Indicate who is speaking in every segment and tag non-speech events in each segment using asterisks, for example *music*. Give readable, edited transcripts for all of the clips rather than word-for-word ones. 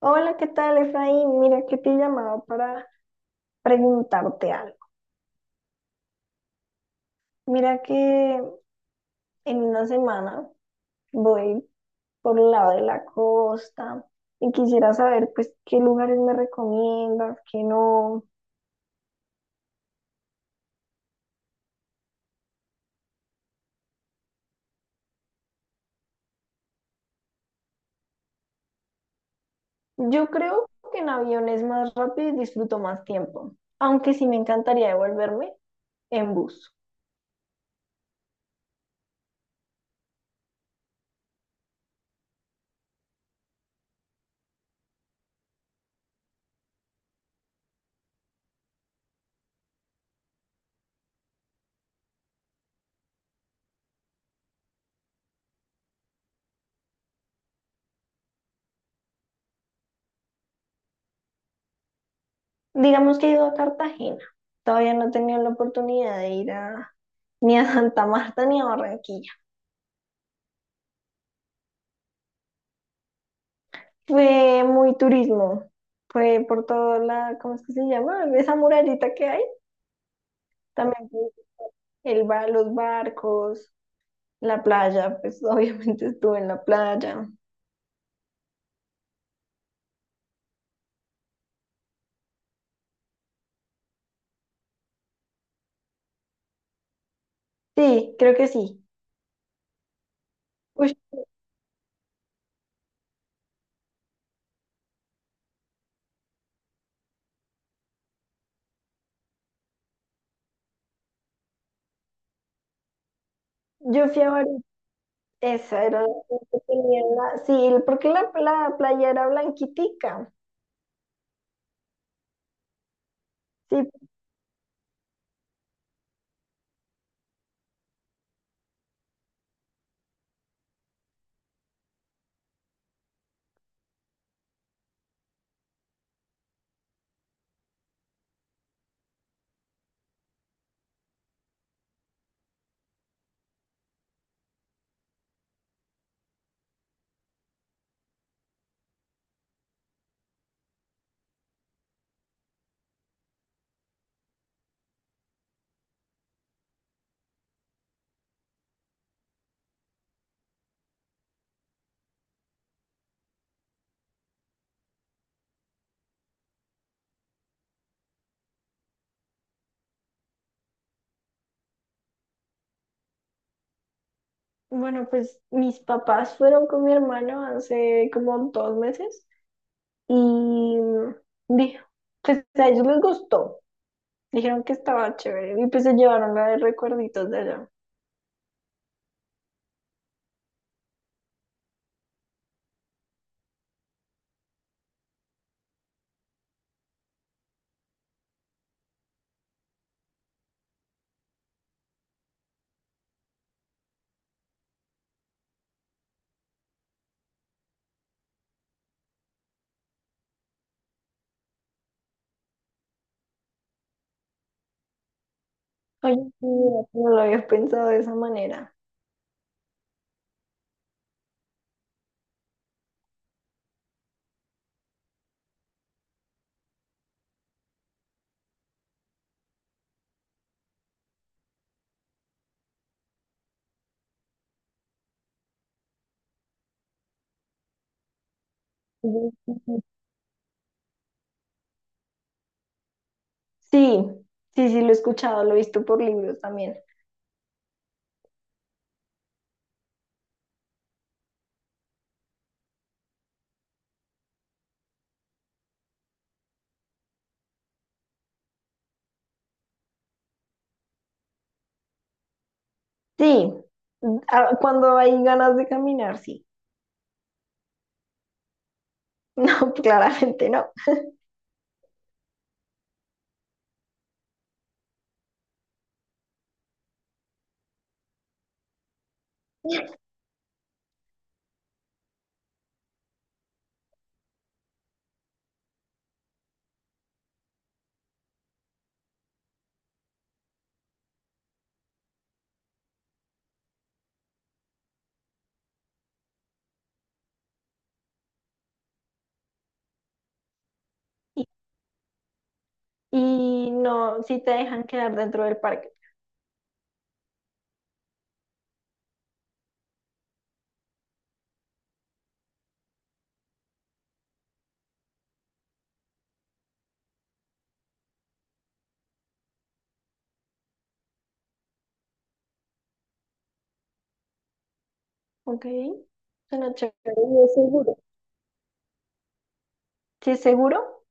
Speaker 1: Hola, ¿qué tal, Efraín? Mira que te he llamado para preguntarte algo. Mira que en una semana voy por el lado de la costa y quisiera saber pues qué lugares me recomiendas, qué no. Yo creo que en avión es más rápido y disfruto más tiempo, aunque sí me encantaría devolverme en bus. Digamos que he ido a Cartagena. Todavía no he tenido la oportunidad de ir ni a Santa Marta ni a Barranquilla. Fue muy turismo. Fue por toda la, ¿cómo es que se llama? Esa murallita que hay. También fue el bar, los barcos, la playa, pues *laughs* obviamente estuve en la playa. Sí, creo que sí. Ush, yo fui a varias. Esa era la Sí, porque la playa era blanquitica. Sí, bueno, pues mis papás fueron con mi hermano hace como 2 meses y dijo, pues a ellos les gustó. Dijeron que estaba chévere y pues se llevaron la de recuerditos de allá. Oye, sí, no lo había pensado de esa manera. Ujú. Sí, sí, sí, lo he escuchado, lo he visto por libros también. Sí, ah, cuando hay ganas de caminar, sí. *laughs* No, claramente no. Y, y no, sí te dejan quedar dentro del parque. Ok, suena chévere y es seguro. ¿Sí es seguro?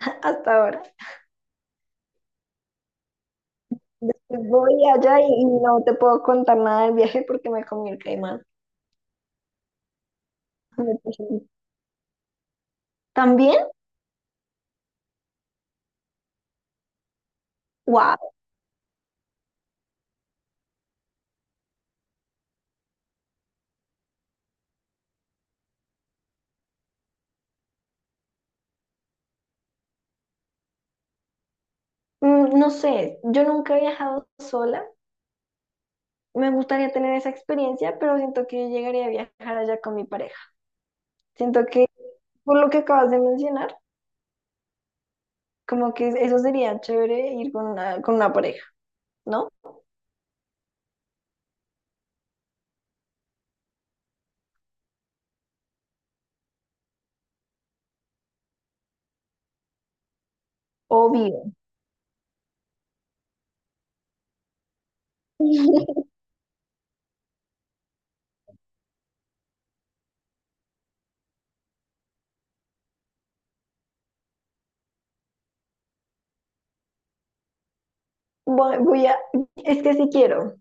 Speaker 1: *laughs* Hasta ahora. Después voy allá y no te puedo contar nada del viaje porque me comí el caimán. Me puse- ¿También? ¡Wow! No sé, yo nunca he viajado sola. Me gustaría tener esa experiencia, pero siento que yo llegaría a viajar allá con mi pareja. Siento que, por lo que acabas de mencionar, como que eso sería chévere ir con una pareja, ¿no? Obvio. *laughs* Voy, voy a, es que sí quiero.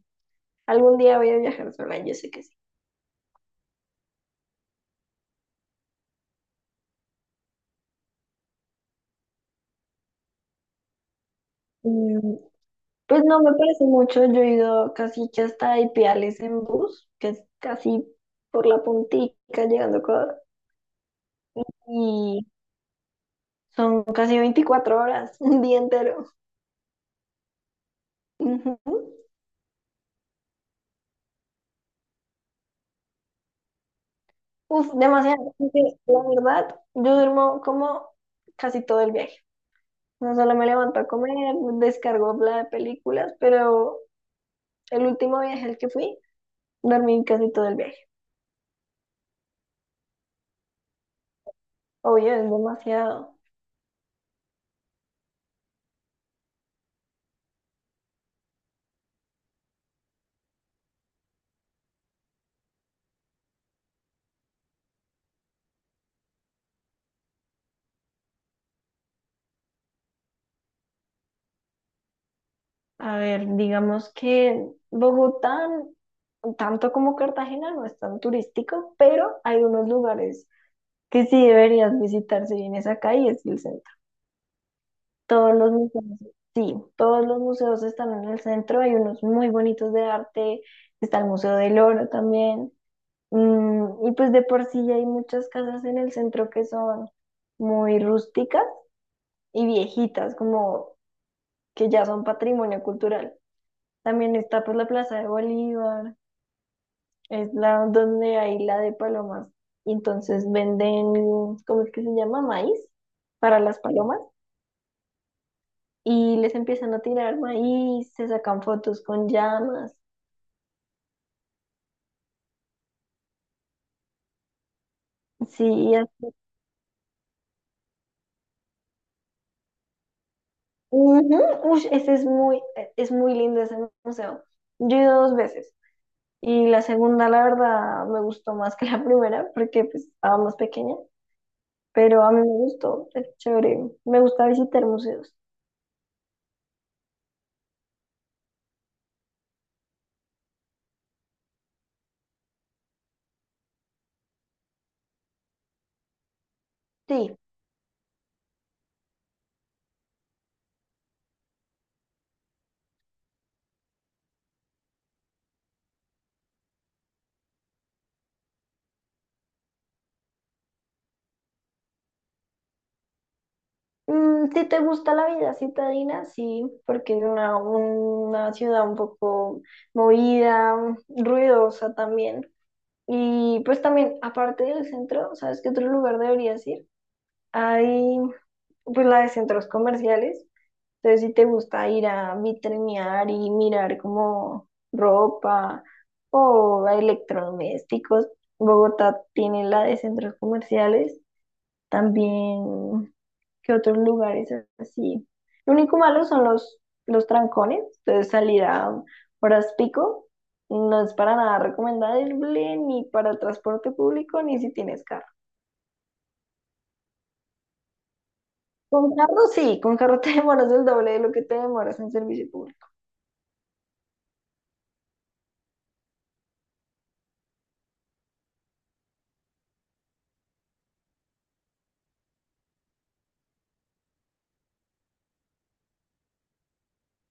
Speaker 1: Algún día voy a viajar sola, yo sé que sí. Mm, Pues no me parece mucho, yo he ido casi que hasta Ipiales en bus, que es casi por la puntica llegando a Ecuador, y son casi 24 horas, *laughs* un día entero. Ujú. Uf, demasiado, porque la verdad, yo duermo como casi todo el viaje. No solo me levanto a comer, descargo la de películas, pero el último viaje al que fui, dormí casi todo el viaje. Obvio, es demasiado. A ver, digamos que Bogotá, tanto como Cartagena, no es tan turístico, pero hay unos lugares que sí deberías visitar si vienes acá y es el centro. Todos los museos, sí, todos los museos están en el centro, hay unos muy bonitos de arte, está el Museo del Oro también, y pues de por sí ya hay muchas casas en el centro que son muy rústicas y viejitas, como que ya son patrimonio cultural. También está pues la Plaza de Bolívar. Es la donde hay la de palomas. Y entonces venden, ¿cómo es que se llama? Maíz para las palomas. Y les empiezan a tirar maíz, se sacan fotos con llamas. Sí, y es- Ujú, ush, ese es muy lindo ese museo. Yo he ido dos veces. Y la segunda, la verdad, me gustó más que la primera porque pues, estaba más pequeña. Pero a mí me gustó, es chévere. Me gusta visitar museos. Sí. Si te gusta la vida citadina, sí, porque es una ciudad un poco movida, ruidosa también. Y pues también, aparte del centro, ¿sabes qué otro lugar deberías ir? Hay pues la de centros comerciales. Entonces, si te gusta ir a vitrinear y mirar como ropa o electrodomésticos, Bogotá tiene la de centros comerciales. También, ¿qué otros lugares así? Lo único malo son los trancones, entonces salir a horas pico no es para nada recomendable ni para el transporte público ni si tienes carro. Con carro sí, con carro te *laughs* demoras el doble de lo que te demoras en servicio público.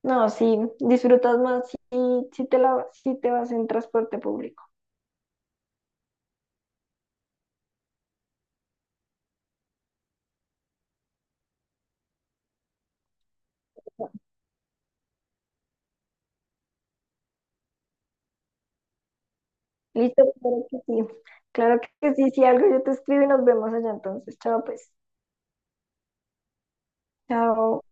Speaker 1: No, sí, disfrutas más si te vas en transporte público. Listo, claro que sí. Claro que sí, si algo yo te escribo y nos vemos allá entonces. Chao, pues. Chao.